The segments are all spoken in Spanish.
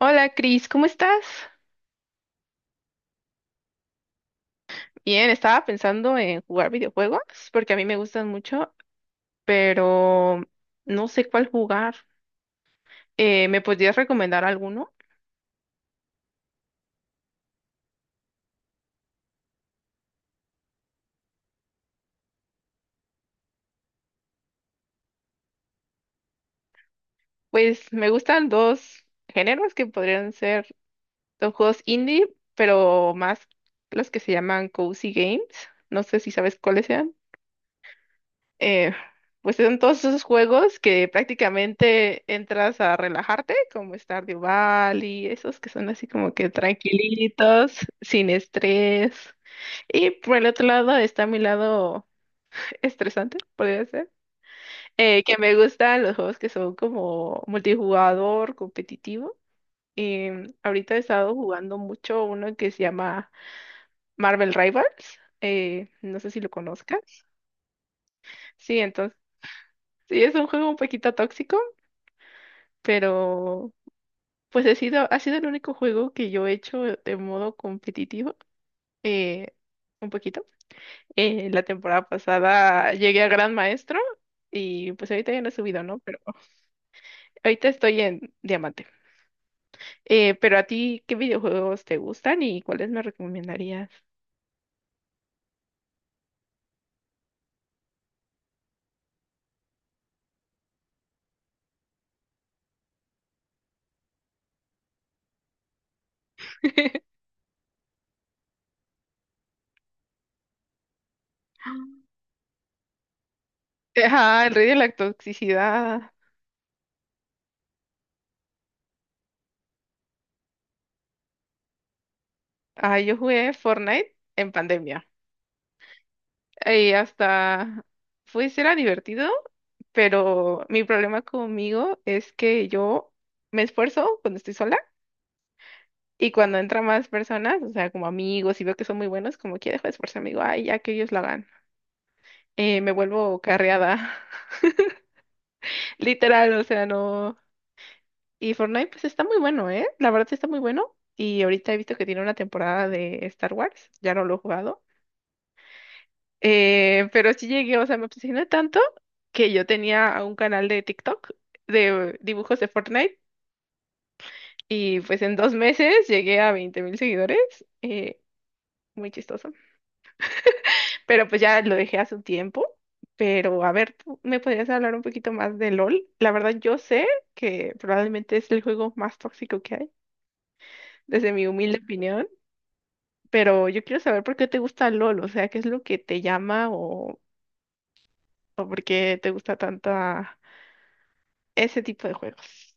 Hola Cris, ¿cómo estás? Bien, estaba pensando en jugar videojuegos porque a mí me gustan mucho, pero no sé cuál jugar. ¿Me podrías recomendar alguno? Pues me gustan dos géneros que podrían ser los juegos indie, pero más los que se llaman cozy games. No sé si sabes cuáles sean. eh, pues son todos esos juegos que prácticamente entras a relajarte, como Stardew Valley, esos que son así como que tranquilitos, sin estrés. Y por el otro lado está mi lado estresante, podría ser, que me gustan los juegos que son como multijugador, competitivo. Y ahorita he estado jugando mucho uno que se llama Marvel Rivals. No sé si lo conozcas. Sí, entonces, sí, es un juego un poquito tóxico, pero pues he sido, ha sido el único juego que yo he hecho de modo competitivo, eh, un poquito. La temporada pasada llegué a Gran Maestro y pues ahorita ya no he subido, ¿no? Pero ahorita estoy en Diamante. Pero a ti, ¿qué videojuegos te gustan y cuáles me recomendarías? Ajá, el rey de la toxicidad. Ah, yo jugué Fortnite en pandemia. Y hasta, pues era divertido, pero mi problema conmigo es que yo me esfuerzo cuando estoy sola y cuando entran más personas, o sea, como amigos y veo que son muy buenos, como que dejo de esforzarme, digo, ay, ya que ellos lo hagan. Me vuelvo carreada, literal, o sea, no. Y Fortnite, pues está muy bueno, ¿eh? La verdad sí está muy bueno. Y ahorita he visto que tiene una temporada de Star Wars, ya no lo he jugado. Pero sí llegué, o sea, me obsesioné tanto que yo tenía un canal de TikTok de dibujos de Fortnite y pues en dos meses llegué a 20 mil seguidores. eh, Muy chistoso. Pero pues ya lo dejé hace un tiempo. Pero a ver, ¿tú me podrías hablar un poquito más de LOL? La verdad, yo sé que probablemente es el juego más tóxico que hay, desde mi humilde opinión, pero yo quiero saber por qué te gusta LOL, o sea, qué es lo que te llama o por qué te gusta tanto ese tipo de juegos.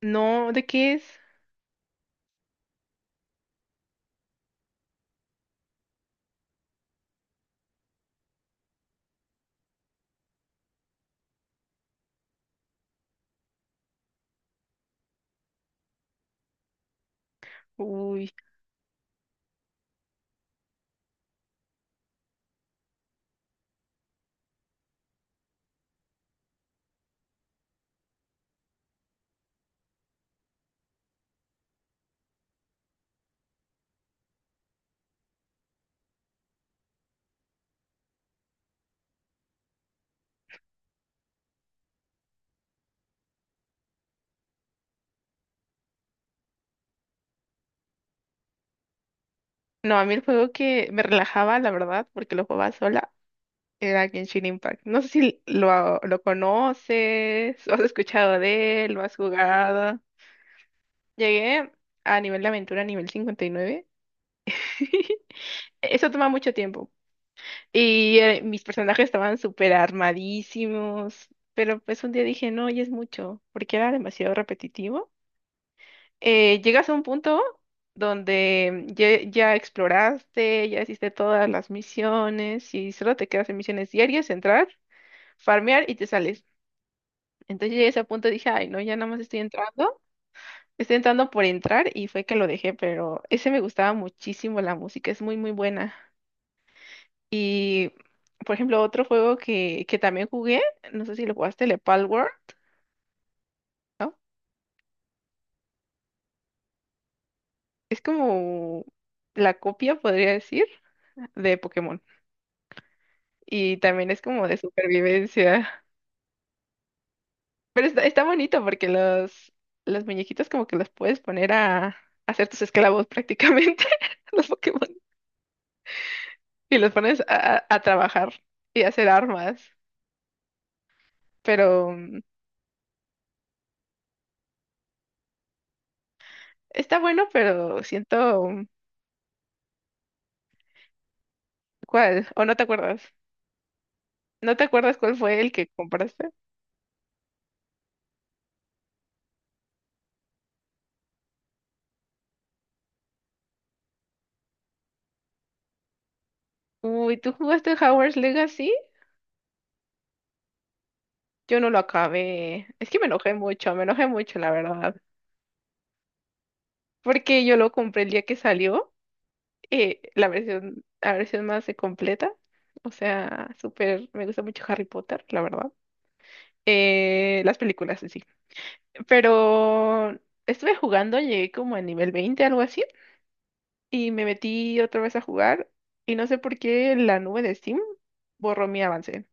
No, ¿de qué es? Uy. No, a mí el juego que me relajaba, la verdad, porque lo jugaba sola, era Genshin Impact. No sé si lo conoces, o has escuchado de él, lo has jugado. Llegué a nivel de aventura, nivel 59. Eso toma mucho tiempo. Y mis personajes estaban súper armadísimos. Pero pues un día dije, no, ya es mucho, porque era demasiado repetitivo. Llegas a un punto donde ya exploraste, ya hiciste todas las misiones y solo te quedas en misiones diarias, entrar, farmear y te sales. Entonces llegué a ese punto y dije, ay, no, ya nada más estoy entrando por entrar y fue que lo dejé, pero ese me gustaba muchísimo, la música es muy, muy buena. Y, por ejemplo, otro juego que también jugué, no sé si lo jugaste, el Palworld, ¿no? Es como la copia, podría decir, de Pokémon. Y también es como de supervivencia. Pero está bonito porque los muñequitos como que los puedes poner a hacer tus esclavos prácticamente, los Pokémon. Y los pones a trabajar y a hacer armas. Pero mm, está bueno, pero siento... mm, ¿cuál? ¿O no te acuerdas? ¿No te acuerdas cuál fue el que compraste? Uy, ¿tú jugaste Hogwarts Legacy? Yo no lo acabé. Es que me enojé mucho, la verdad. Porque yo lo compré el día que salió. La versión, la versión más de completa. O sea, súper, me gusta mucho Harry Potter, la verdad. Las películas en sí. Pero estuve jugando, llegué como a nivel 20 algo así, y me metí otra vez a jugar, y no sé por qué la nube de Steam borró mi avance.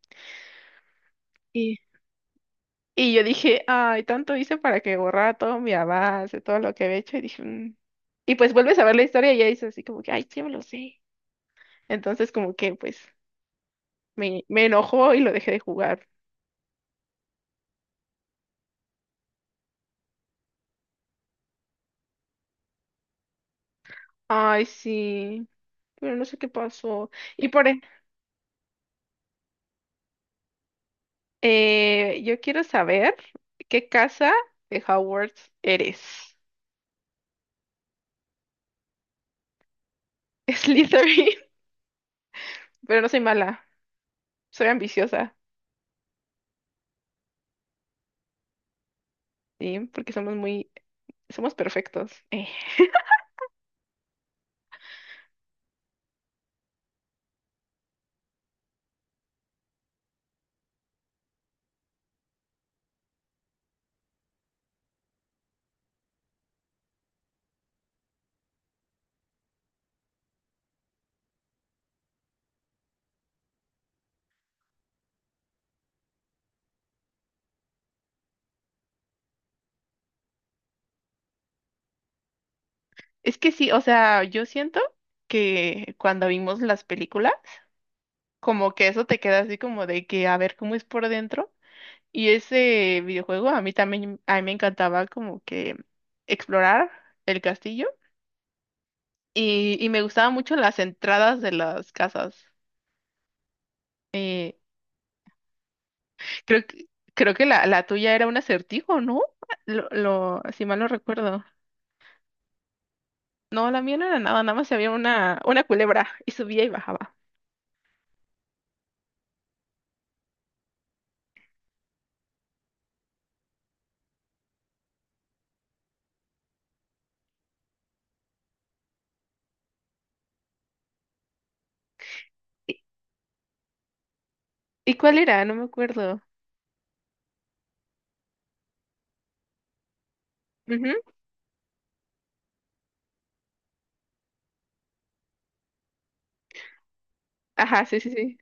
Y, y yo dije, ay, tanto hice para que borrara todo mi avance, todo lo que había hecho, y dije, "Mm". Y pues vuelves a ver la historia y ya dices así como que, ay, sí, me lo sé. Entonces como que pues me enojó y lo dejé de jugar. Ay, sí, pero no sé qué pasó. Y por e- yo quiero saber qué casa de Hogwarts eres. Slytherin, pero no soy mala, soy ambiciosa, ¿sí? Porque somos muy, somos perfectos. Es que sí, o sea, yo siento que cuando vimos las películas, como que eso te queda así como de que a ver cómo es por dentro. Y ese videojuego a mí también, a mí me encantaba como que explorar el castillo y me gustaban mucho las entradas de las casas. Eh, creo que, creo que la tuya era un acertijo, ¿no? Si mal no recuerdo. No, la mía no era nada, nada más había una culebra y subía y bajaba. ¿Y, ¿Y cuál era? No me acuerdo. Ujú, ajá, sí, sí, sí.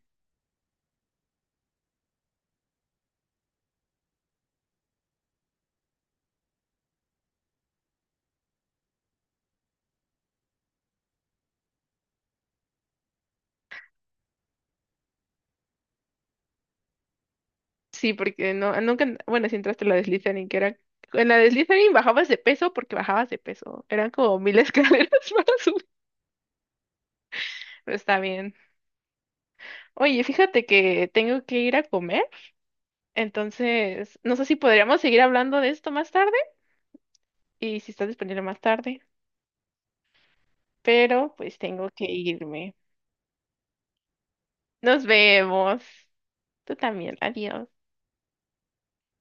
Sí, porque no, nunca, bueno, si entraste a la de Slytherin, en la de Slytherin bajabas de peso porque bajabas de peso, eran como mil escaleras para subir, pero está bien. Oye, fíjate que tengo que ir a comer, entonces no sé si podríamos seguir hablando de esto más tarde y si estás disponible más tarde, pero pues tengo que irme. Nos vemos. Tú también, adiós.